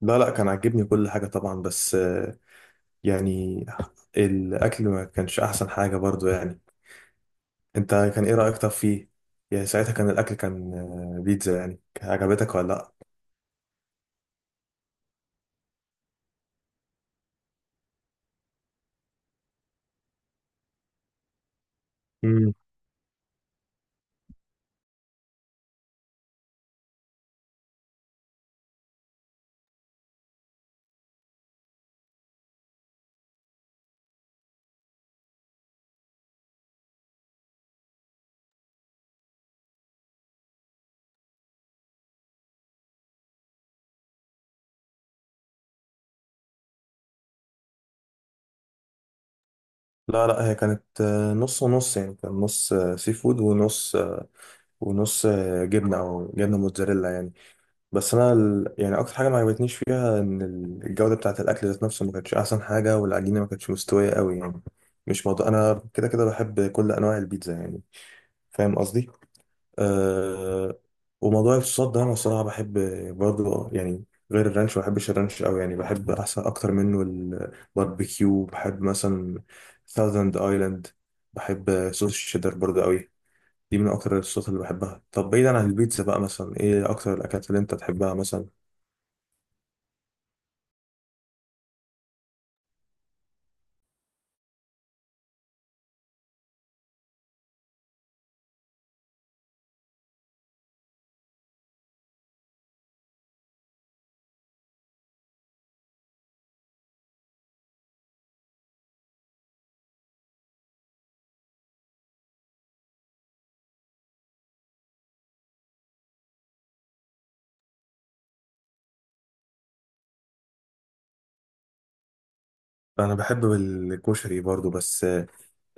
لا لا كان عاجبني كل حاجة طبعا، بس يعني الأكل ما كانش أحسن حاجة برضو يعني. أنت كان إيه رأيك طب فيه؟ يعني ساعتها كان الأكل كان آه، بيتزا، يعني كان عجبتك ولا لأ؟ مم. لا لا هي كانت نص ونص، يعني كان نص سي فود، ونص جبنة أو جبنة موتزاريلا يعني. بس أنا يعني أكتر حاجة ما عجبتنيش فيها إن الجودة بتاعة الأكل ذات نفسه ما كانتش أحسن حاجة، والعجينة ما كانتش مستوية قوي يعني. مش موضوع، أنا كده كده بحب كل أنواع البيتزا يعني، فاهم قصدي؟ آه وموضوع الصوصات ده انا الصراحه بحب برضو يعني، غير الرانش ما بحبش الرانش قوي يعني، بحب احسن اكتر منه. الباربيكيو بحب مثلا، ثاوزند ايلاند، بحب صوص الشيدر برضو قوي. دي من اكتر الصوصات اللي بحبها. طب بعيدا عن البيتزا بقى، مثلا ايه اكتر الاكلات اللي انت تحبها مثلا؟ انا بحب الكشري برضو، بس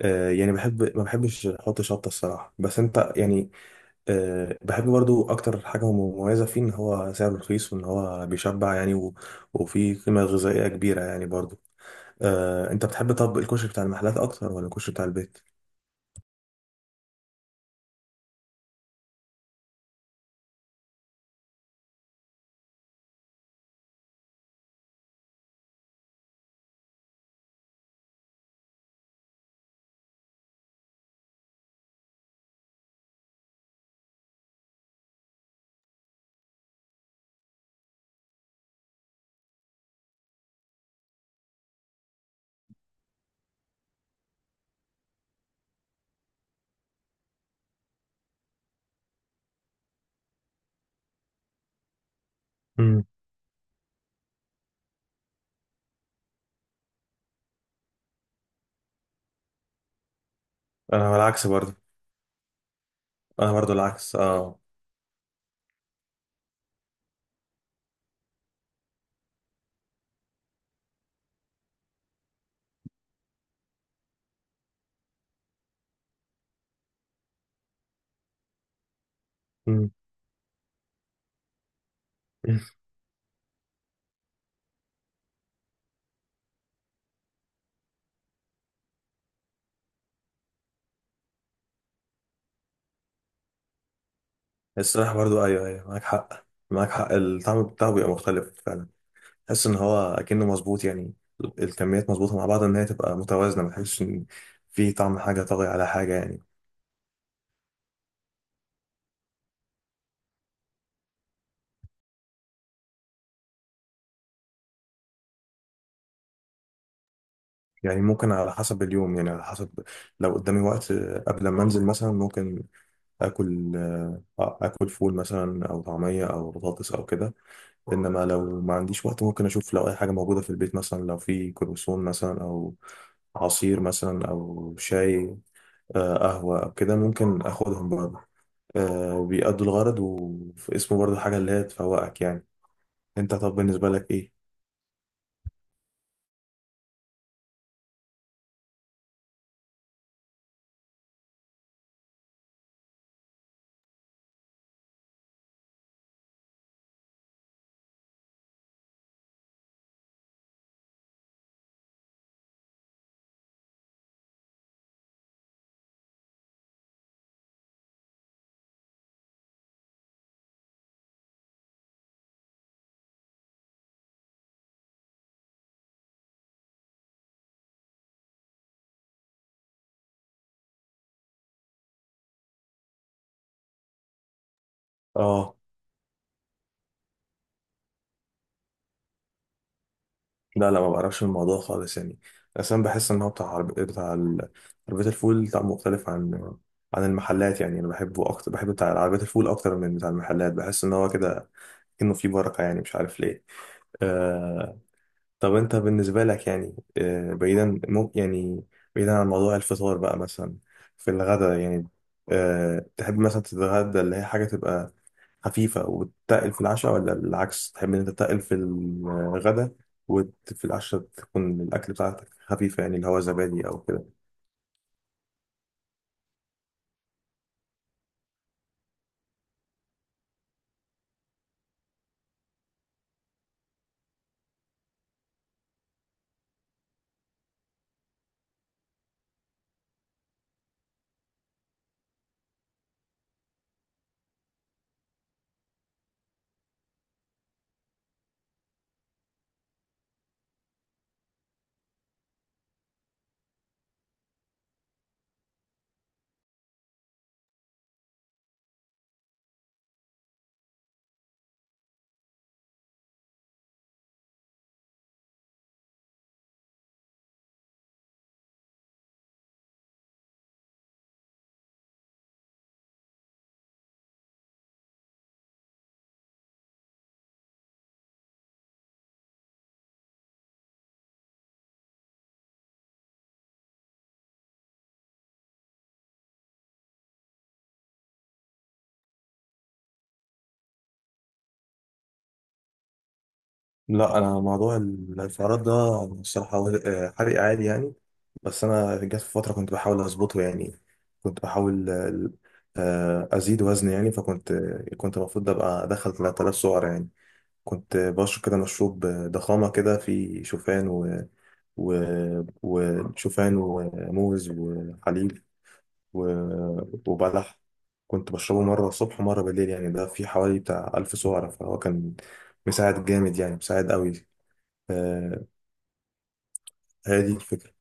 يعني بحب، ما بحبش احط شطه الصراحه، بس انت يعني. أه بحب برضو. أكتر حاجة مميزة فيه إن هو سعره رخيص، وإن هو بيشبع يعني وفيه قيمة غذائية كبيرة يعني برضو. أه، أنت بتحب طب الكشري بتاع المحلات أكتر ولا الكشري بتاع البيت؟ مم. أنا العكس برضو، أنا برضو العكس، أه. مم. الصراحة برضو، أيوه أيوه، معاك حق معاك حق، الطعم بتاعه بيبقى مختلف فعلا. تحس إن هو أكنه مظبوط يعني. الكميات مظبوطة مع بعض، إن هي تبقى متوازنة، ما تحسش إن في طعم حاجة طاغي على حاجة يعني. يعني ممكن على حسب اليوم، يعني على حسب. لو قدامي وقت قبل ما انزل مثلا، ممكن اكل آه، آه، اكل فول مثلا، او طعميه، او بطاطس، او كده. انما لو ما عنديش وقت، ممكن اشوف لو اي حاجه موجوده في البيت مثلا، لو في كروسون مثلا، او عصير مثلا، او شاي قهوه، او كده ممكن اخدهم برضه. بيأدوا الغرض، وفي اسمه برضه حاجه اللي هي تفوقك يعني. انت طب بالنسبه لك ايه؟ اه. لا لا، ما بعرفش الموضوع خالص يعني. اصلا بحس ان هو بتاع عربية الفول بتاع، مختلف عن المحلات يعني. انا بحبه اكتر، بحب بتاع عربية الفول اكتر من بتاع المحلات، بحس ان هو كده انه فيه بركة يعني، مش عارف ليه. آه... طب انت بالنسبة لك يعني، بعيدا ممكن يعني، بعيدا عن موضوع الفطار بقى، مثلا في الغداء يعني. تحب مثلا تتغدى اللي هي حاجة تبقى خفيفة وتتقل في العشاء، ولا بالعكس تحب إن أنت تتقل في الغدا وفي العشاء تكون الأكل بتاعتك خفيفة، يعني اللي هو زبادي أو كده؟ لا أنا موضوع السعرات ده، الصراحة حرق عادي يعني. بس أنا جت في فترة كنت بحاول أظبطه يعني، كنت بحاول أزيد وزن يعني. فكنت المفروض أبقى أدخل 3000 سعر يعني، كنت بشرب كده مشروب ضخامة كده فيه و... وشوفان وموز وحليب وبلح. كنت بشربه مرة الصبح ومرة بالليل يعني، ده في حوالي بتاع 1000 سعرة، فهو كان مساعد جامد يعني، مساعد قوي. آه، هي دي الفكرة.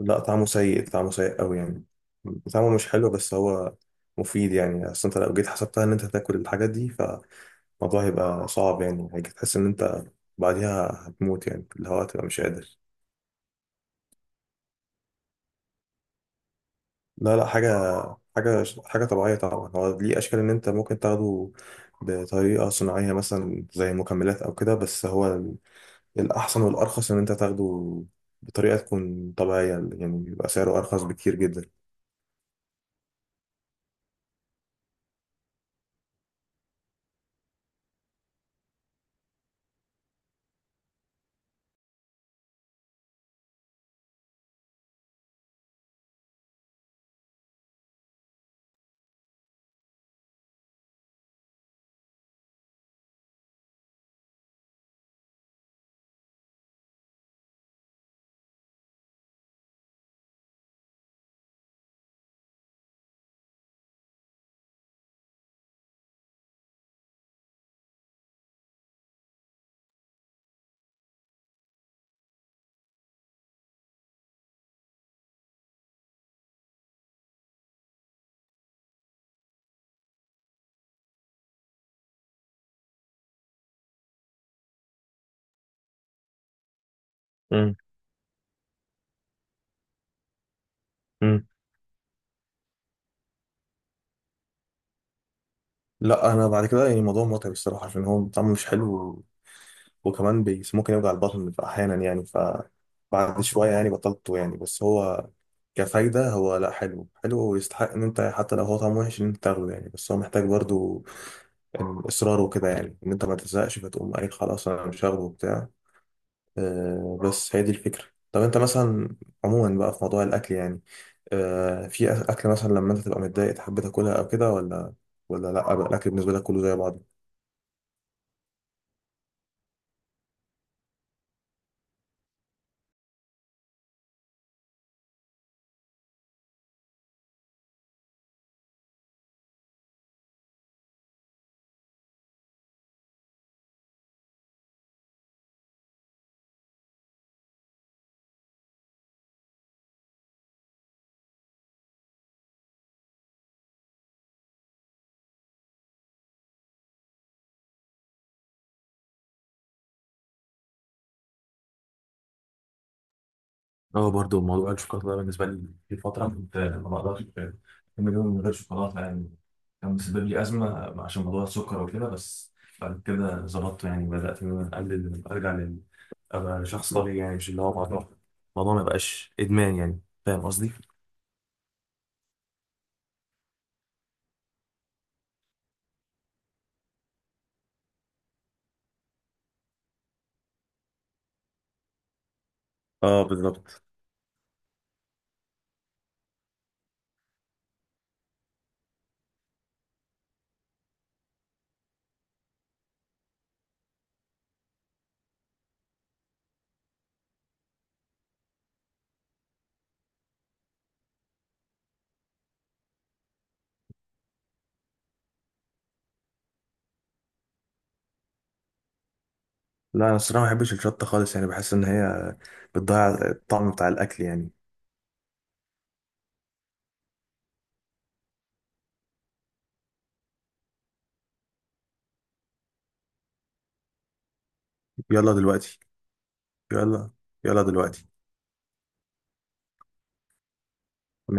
لا طعمه سيء، طعمه سيء قوي يعني، طعمه مش حلو، بس هو مفيد يعني. أصل أنت لو جيت حسبتها إن أنت هتاكل الحاجات دي، فالموضوع هيبقى صعب يعني، هيجي تحس إن أنت بعديها هتموت يعني، اللي هو هتبقى مش قادر. لا لا، حاجة طبيعية طبعا. هو ليه أشكال إن أنت ممكن تاخده بطريقة صناعية مثلا زي مكملات أو كده، بس هو الأحسن والأرخص إن أنت تاخده بطريقة تكون طبيعية يعني، بيبقى سعره أرخص بكتير جدا. امم. امم. لا، أنا بعد كده يعني الموضوع متعب الصراحة عشان هو طعمه مش حلو، وكمان ممكن يوجع البطن أحيانا يعني. بعد شوية يعني بطلته يعني، بس هو كفايدة هو لا، حلو حلو ويستحق إن أنت حتى لو هو طعمه وحش إن أنت تاخده يعني، بس هو محتاج برضو يعني اصرار وكده، يعني ان انت ما تزهقش فتقوم قايل خلاص انا مش هاخده وبتاع. بس هي دي الفكره. طب انت مثلا عموما بقى في موضوع الاكل يعني، في اكل مثلا لما انت تبقى متضايق تحب تاكلها او كده، ولا لا بقى الاكل بالنسبه لك كله زي بعضه؟ اه برضو موضوع الشوكولاته ده بالنسبه لي، في فتره كنت ما بقدرش اكمل يوم من غير شوكولاته يعني، كان بالنسبه لي ازمه عشان موضوع السكر وكده. بس بعد كده ظبطته يعني، بدات ان انا اقلل، ارجع ابقى شخص طبيعي يعني، مش اللي هو الموضوع ما يبقاش ادمان يعني، فاهم قصدي؟ اه بالظبط. لا انا الصراحه ما بحبش الشطه خالص يعني، بحس ان هي بتضيع الطعم بتاع الاكل يعني. يلا دلوقتي، يلا، يلا دلوقتي.